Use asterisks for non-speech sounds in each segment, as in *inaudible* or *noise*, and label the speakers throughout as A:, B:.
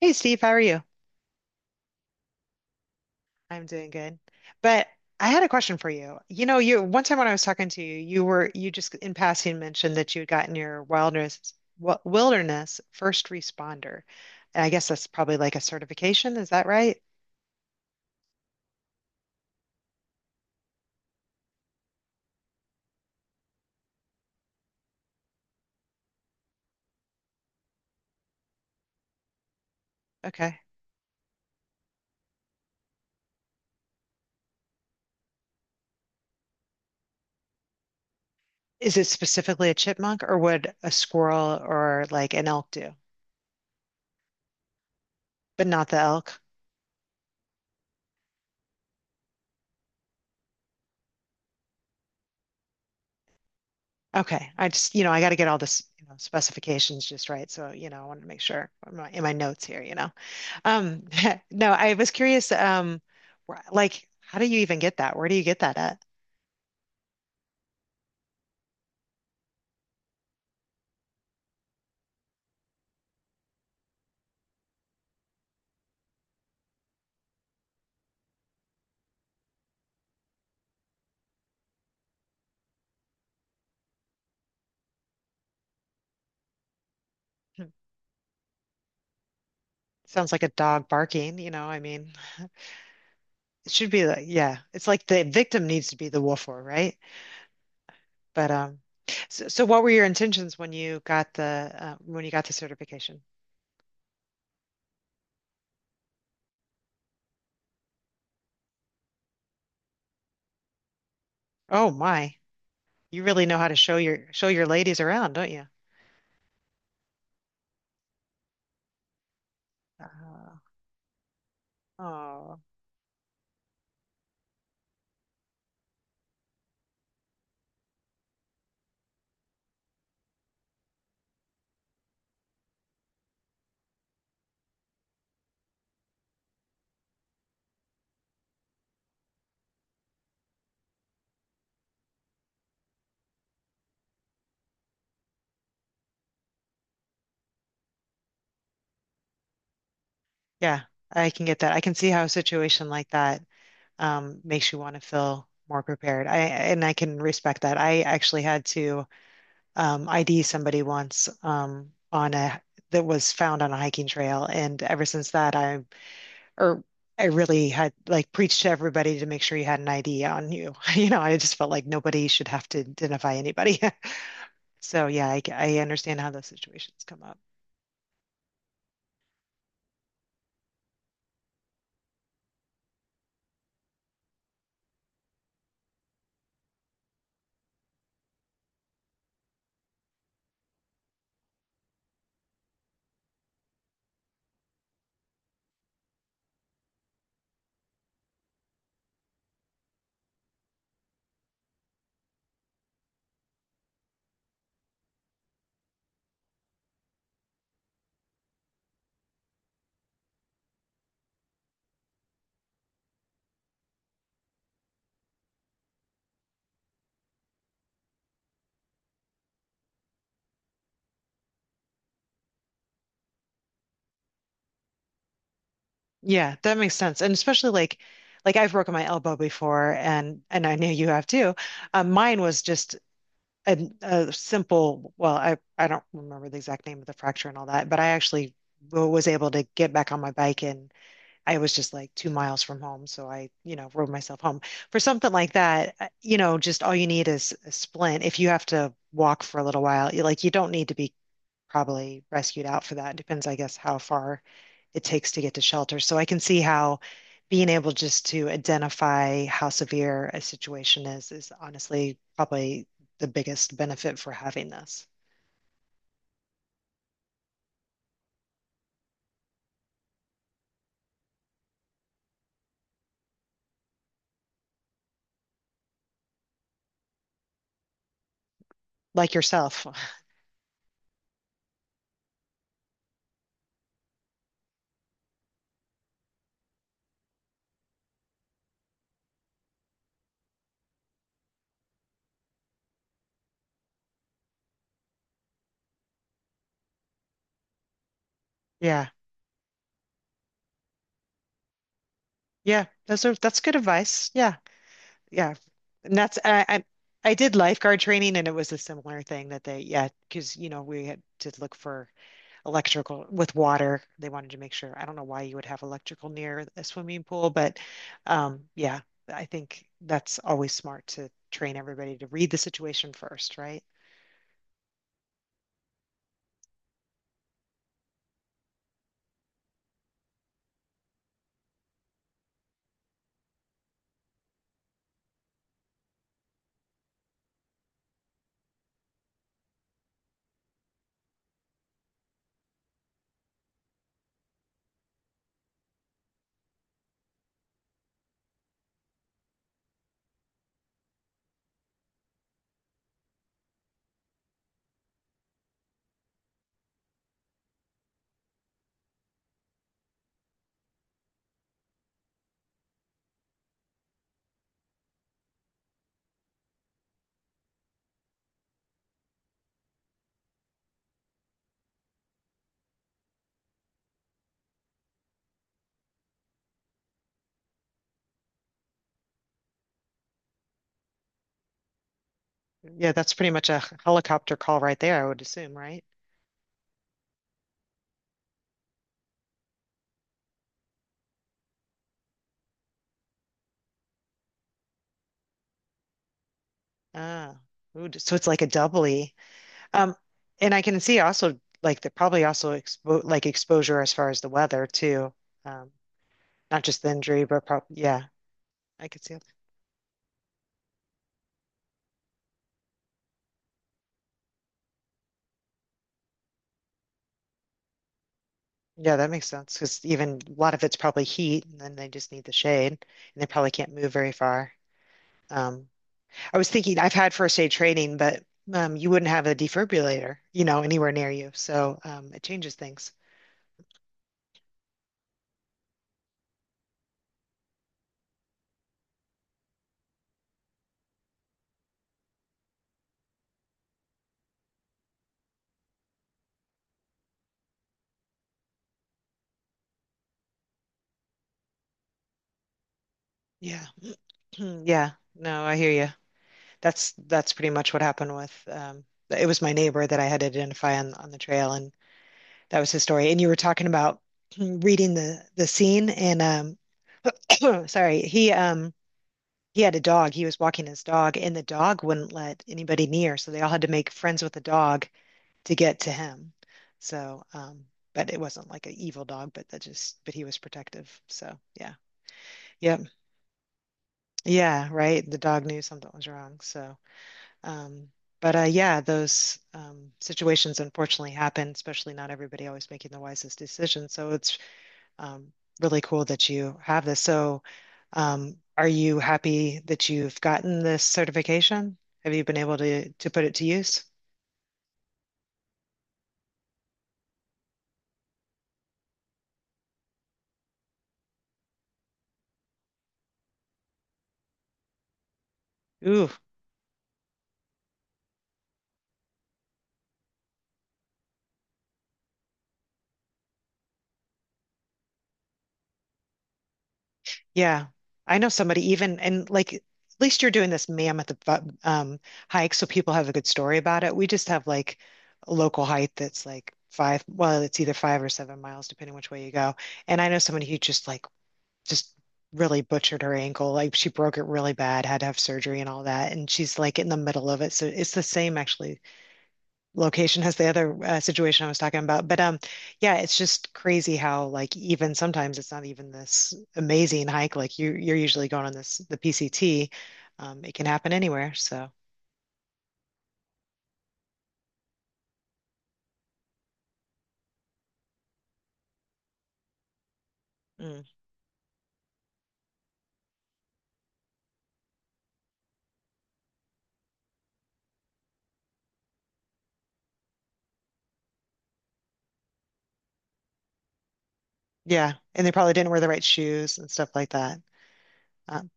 A: Hey Steve, how are you? I'm doing good. But I had a question for you. You know, you one time when I was talking to you, you were you just in passing mentioned that you had gotten your wilderness wilderness first responder. And I guess that's probably like a certification, is that right? Okay. Is it specifically a chipmunk or would a squirrel or like an elk do? But not the elk. Okay. I just, you know, I got to get all this, you know, specifications just right. So, you know, I want to make sure in my notes here, you know. Um, *laughs* no, I was curious, like, how do you even get that? Where do you get that at? Hmm. Sounds like a dog barking, I mean, it should be like, yeah, it's like the victim needs to be the wolfer, right? But, so what were your intentions when you got the, when you got the certification? Oh my, you really know how to show your ladies around, don't you? Uh, Oh, yeah, I can get that. I can see how a situation like that makes you want to feel more prepared. I and I can respect that. I actually had to ID somebody once on a that was found on a hiking trail, and ever since that, I or I really had like preached to everybody to make sure you had an ID on you. *laughs* I just felt like nobody should have to identify anybody. *laughs* So yeah, I understand how those situations come up. Yeah, that makes sense. And especially like I've broken my elbow before and I know you have too. Mine was just a simple, well, I don't remember the exact name of the fracture and all that, but I actually was able to get back on my bike and I was just like two miles from home, so I, you know, rode myself home. For something like that, you know, just all you need is a splint. If you have to walk for a little while, you don't need to be probably rescued out for that. Depends, I guess, how far it takes to get to shelter. So I can see how being able just to identify how severe a situation is honestly probably the biggest benefit for having this. Like yourself. *laughs* Yeah. Yeah. Those are that's good advice. Yeah. Yeah. And that's I did lifeguard training and it was a similar thing that they yeah, because you know, we had to look for electrical with water. They wanted to make sure. I don't know why you would have electrical near a swimming pool, but yeah, I think that's always smart to train everybody to read the situation first, right? Yeah, that's pretty much a helicopter call right there, I would assume, right? Ah, ooh, so it's like a doubly. Um, and I can see also like the probably also exposure as far as the weather too. Um, Not just the injury, but prob yeah, I could see. Yeah, that makes sense because even a lot of it's probably heat, and then they just need the shade, and they probably can't move very far. Um, I was thinking I've had first aid training, but you wouldn't have a defibrillator, you know, anywhere near you, so it changes things. Yeah, *clears throat* yeah. No, I hear you. That's pretty much what happened with. It was my neighbor that I had to identify on the trail, and that was his story. And you were talking about *clears throat* reading the scene, and *clears throat* sorry, he. He had a dog. He was walking his dog, and the dog wouldn't let anybody near. So they all had to make friends with the dog to get to him. So, but it wasn't like an evil dog, but that just, but he was protective. So, yeah. Yep. Yeah. Right. The dog knew something was wrong. So, um, but yeah, those situations unfortunately happen, especially not everybody always making the wisest decisions. So it's um, really cool that you have this. So, are you happy that you've gotten this certification? Have you been able to put it to use? Ooh, yeah. I know somebody even and like at least you're doing this mammoth hike, so people have a good story about it. We just have like a local hike that's like five. Well, it's either five or seven miles, depending which way you go. And I know somebody who just really butchered her ankle. Like she broke it really bad, had to have surgery and all that. And she's like in the middle of it. So it's the same actually location as the other situation I was talking about. But yeah, it's just crazy how like even sometimes it's not even this amazing hike. Like you're usually going on this the PCT. It can happen anywhere. So mm, yeah, and they probably didn't wear the right shoes and stuff like that. Um,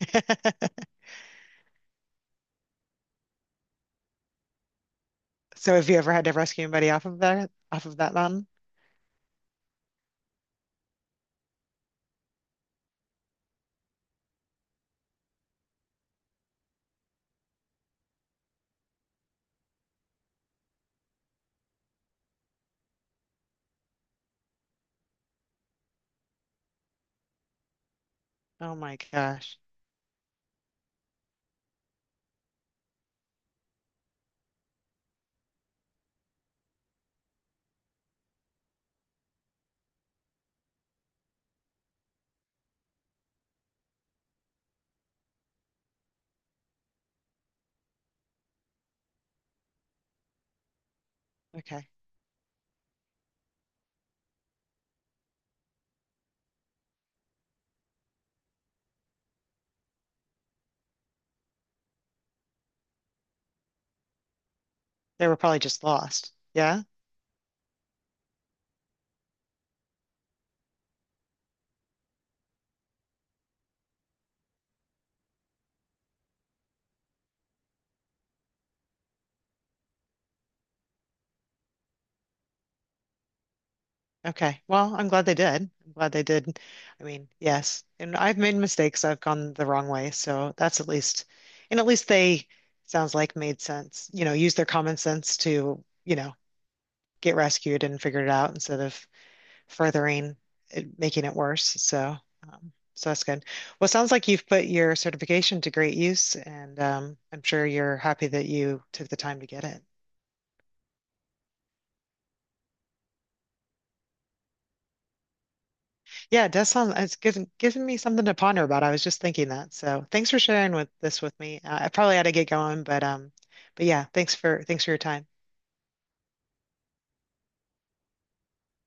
A: *laughs* so have you ever had to rescue anybody off of that mountain? Oh my gosh. Okay. They were probably just lost. Yeah. Okay. Well, I'm glad they did. I mean, yes. And I've made mistakes. I've gone the wrong way. So that's at least, and at least they sounds like made sense, you know, use their common sense to, you know, get rescued and figure it out instead of furthering it, making it worse. So, so that's good. Well, it sounds like you've put your certification to great use, and I'm sure you're happy that you took the time to get it. Yeah, it does sound, it's given, given me something to ponder about. I was just thinking that. So thanks for sharing with this with me. I probably had to get going, but yeah, thanks for your time.